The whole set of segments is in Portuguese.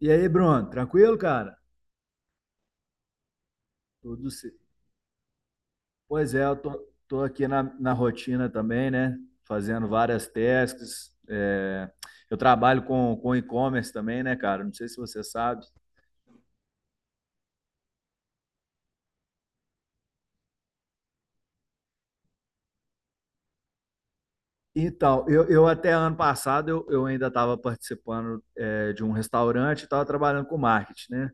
E aí, Bruno, tranquilo, cara? Tudo se... Pois é, eu tô, tô aqui na rotina também, né? Fazendo várias tasks. Eu trabalho com e-commerce também, né, cara? Não sei se você sabe. Então, eu até ano passado eu ainda estava participando de um restaurante e estava trabalhando com marketing, né?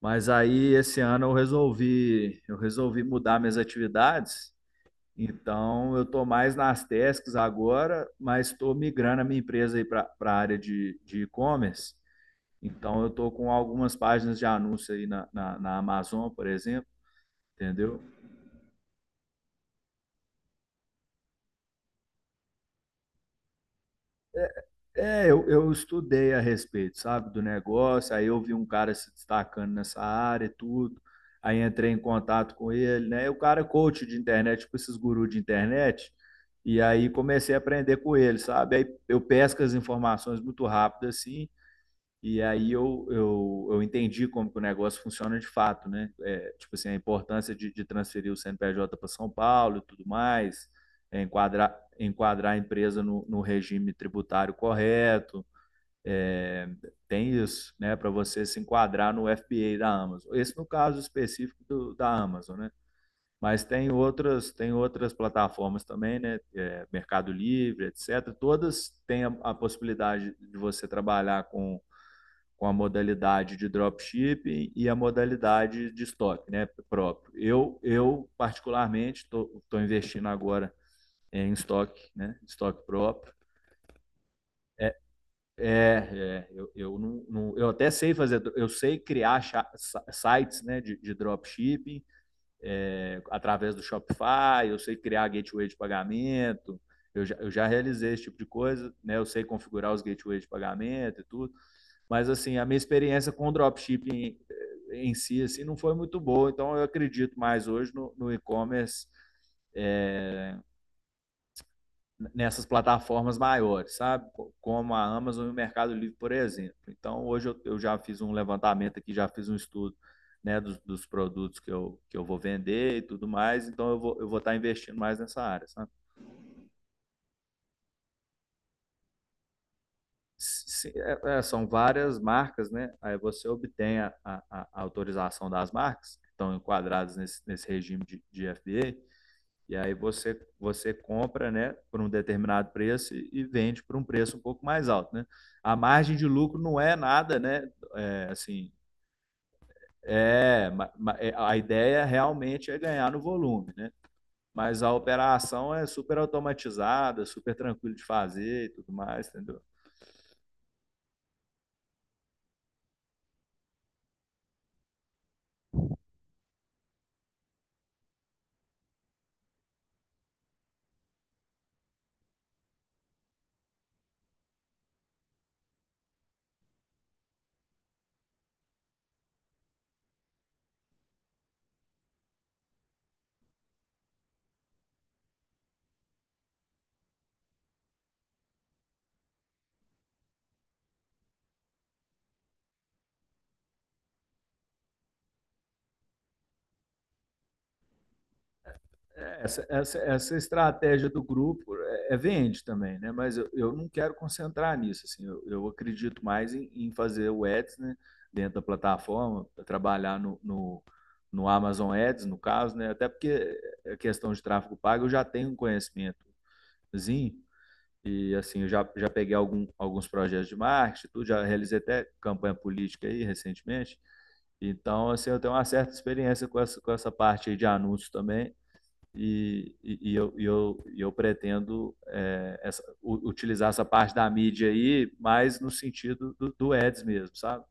Mas aí esse ano eu resolvi mudar minhas atividades. Então, eu estou mais nas tasks agora, mas estou migrando a minha empresa aí para a área de e-commerce. Então, eu estou com algumas páginas de anúncio aí na Amazon, por exemplo, entendeu? É, eu estudei a respeito, sabe, do negócio. Aí eu vi um cara se destacando nessa área e tudo. Aí entrei em contato com ele, né? E o cara é coach de internet, tipo esses gurus de internet. E aí comecei a aprender com ele, sabe? Aí eu pesco as informações muito rápido assim. E aí eu entendi como que o negócio funciona de fato, né? É, tipo assim, a importância de transferir o CNPJ para São Paulo e tudo mais, é, enquadrar a empresa no regime tributário correto, tem isso, né? Para você se enquadrar no FBA da Amazon. Esse no caso específico do, da Amazon, né? Mas tem outras plataformas também, né? É, Mercado Livre, etc. Todas têm a possibilidade de você trabalhar com a modalidade de dropshipping e a modalidade de estoque né, próprio. Eu particularmente, estou investindo agora em estoque, né, estoque próprio. É, é eu, não, não, eu até sei fazer, eu sei criar sites né, de dropshipping, é, através do Shopify, eu sei criar gateway de pagamento, eu já realizei esse tipo de coisa, né, eu sei configurar os gateways de pagamento e tudo. Mas assim, a minha experiência com o dropshipping em si assim, não foi muito boa, então eu acredito mais hoje no e-commerce nessas plataformas maiores, sabe? Como a Amazon e o Mercado Livre, por exemplo. Então, hoje eu já fiz um levantamento aqui, já fiz um estudo né, dos produtos que eu vou vender e tudo mais, então eu vou estar investindo mais nessa área, sabe? É, é, são várias marcas, né? Aí você obtém a a- autorização das marcas, que estão enquadradas nesse regime de FDA, e aí você, você compra, né, por um determinado preço e, vende por um preço um pouco mais alto, né? A margem de lucro não é nada, né? É, assim, é, é, a ideia realmente é ganhar no volume, né? Mas a operação é super automatizada, super tranquilo de fazer e tudo mais, entendeu? Essa estratégia do grupo é, é vende também, né? Mas eu não quero concentrar nisso. Assim, eu acredito mais em, em fazer o Ads né, dentro da plataforma, trabalhar no Amazon Ads, no caso, né? Até porque a questão de tráfego pago eu já tenho um conhecimentozinho. E assim eu já, já peguei algum, alguns projetos de marketing, tudo, já realizei até campanha política aí recentemente. Então, assim, eu tenho uma certa experiência com essa parte aí de anúncios também. E, e eu pretendo utilizar essa parte da mídia aí, mais no sentido do ads mesmo, sabe?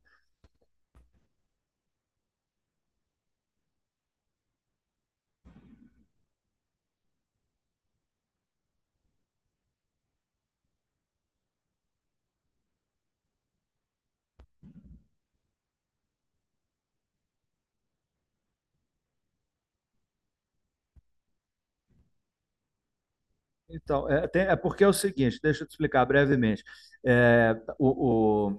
Então, é porque é o seguinte, deixa eu te explicar brevemente. É, o-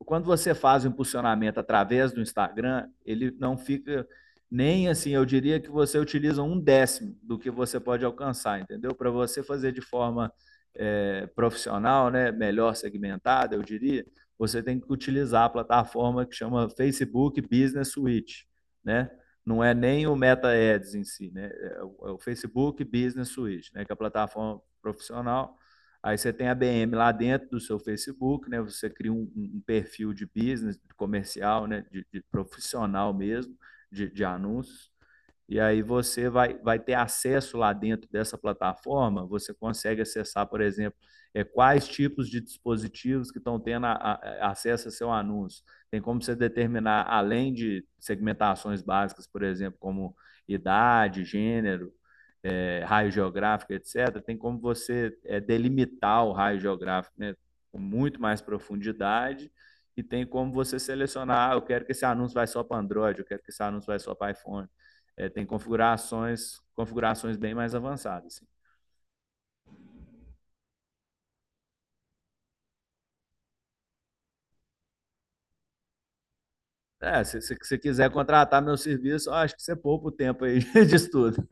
quando você faz o impulsionamento através do Instagram, ele não fica nem assim, eu diria que você utiliza um décimo do que você pode alcançar, entendeu? Para você fazer de forma é, profissional, né, melhor segmentada, eu diria, você tem que utilizar a plataforma que chama Facebook Business Suite, né? Não é nem o Meta Ads em si, né? É o Facebook Business Suite, né? Que é a plataforma profissional. Aí você tem a BM lá dentro do seu Facebook, né? Você cria um, um perfil de business, de comercial, né? De profissional mesmo, de, anúncios. E aí você vai, vai ter acesso lá dentro dessa plataforma. Você consegue acessar, por exemplo, é, quais tipos de dispositivos que estão tendo a, acesso a seu anúncio. Tem como você determinar, além de segmentações básicas, por exemplo, como idade, gênero, é, raio geográfico, etc., tem como você é, delimitar o raio geográfico né, com muito mais profundidade. E tem como você selecionar, ah, eu quero que esse anúncio vai só para Android, eu quero que esse anúncio vai só para iPhone. É, tem configurações, configurações bem mais avançadas. Assim. É, se você quiser contratar meu serviço, ó, acho que você poupa o tempo aí de estudo.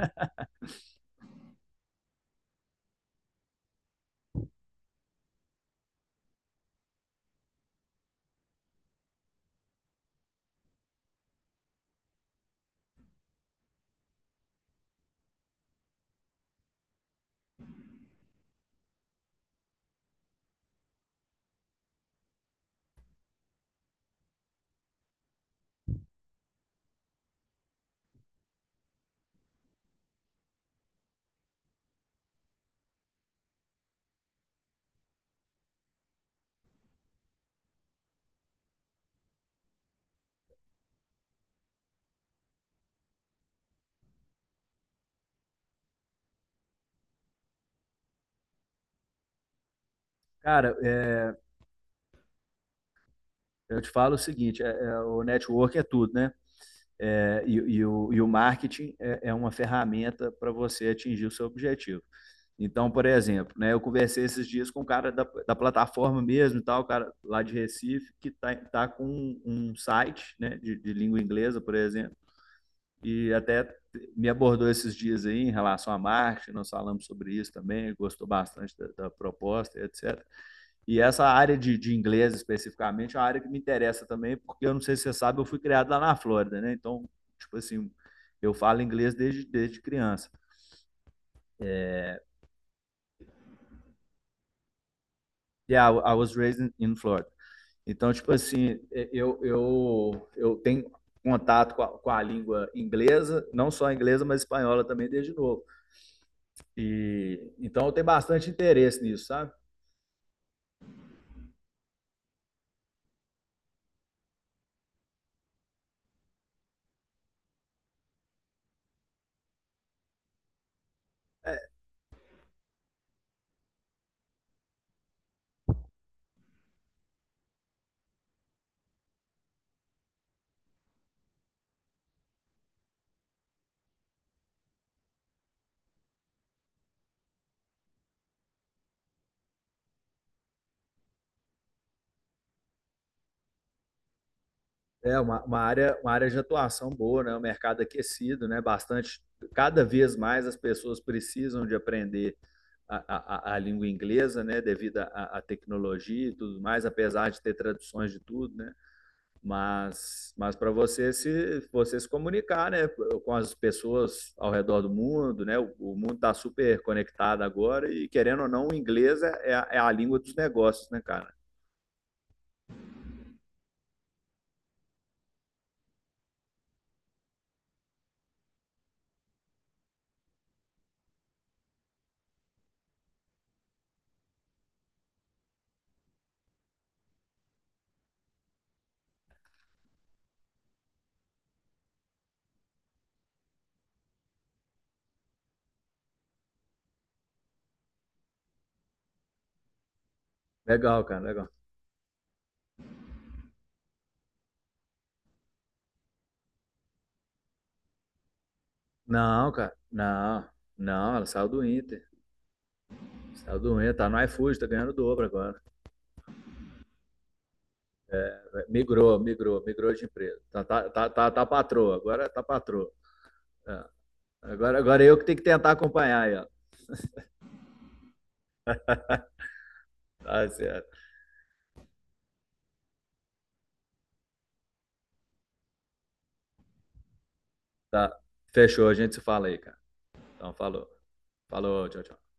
Cara, é, eu te falo o seguinte, é, é, o network é tudo, né? É, E, e o marketing é é uma ferramenta para você atingir o seu objetivo. Então, por exemplo, né, eu conversei esses dias com um cara da plataforma mesmo e tal, o cara lá de Recife, que tá, tá com um, um site né, de língua inglesa, por exemplo, e até me abordou esses dias aí em relação à marketing, nós falamos sobre isso também, gostou bastante da proposta, etc. E essa área de, inglês especificamente é uma área que me interessa também, porque eu não sei se você sabe, eu fui criado lá na Flórida, né? Então, tipo assim, eu falo inglês desde criança. Yeah, I was raised in Florida. Então, tipo assim, é, eu tenho contato com a língua inglesa, não só inglesa, mas espanhola também desde novo. E então eu tenho bastante interesse nisso, sabe? É uma área de atuação boa, né? Um mercado aquecido, né? Bastante, cada vez mais as pessoas precisam de aprender a língua inglesa, né? Devido à tecnologia e tudo mais, apesar de ter traduções de tudo, né? Mas para você se comunicar, né, com as pessoas ao redor do mundo, né, o mundo está super conectado agora e querendo ou não, o inglês é, é a língua dos negócios, né, cara? Legal, cara, legal. Não, cara, não, não, ela saiu do Inter, tá no iFood, tá ganhando dobro agora. É, é, migrou de empresa. Tá patroa, agora tá patroa. É. Agora, agora eu que tenho que tentar acompanhar aí, ó. Tá certo. Tá. Fechou, a gente se fala aí, cara. Então, falou. Falou, tchau, tchau.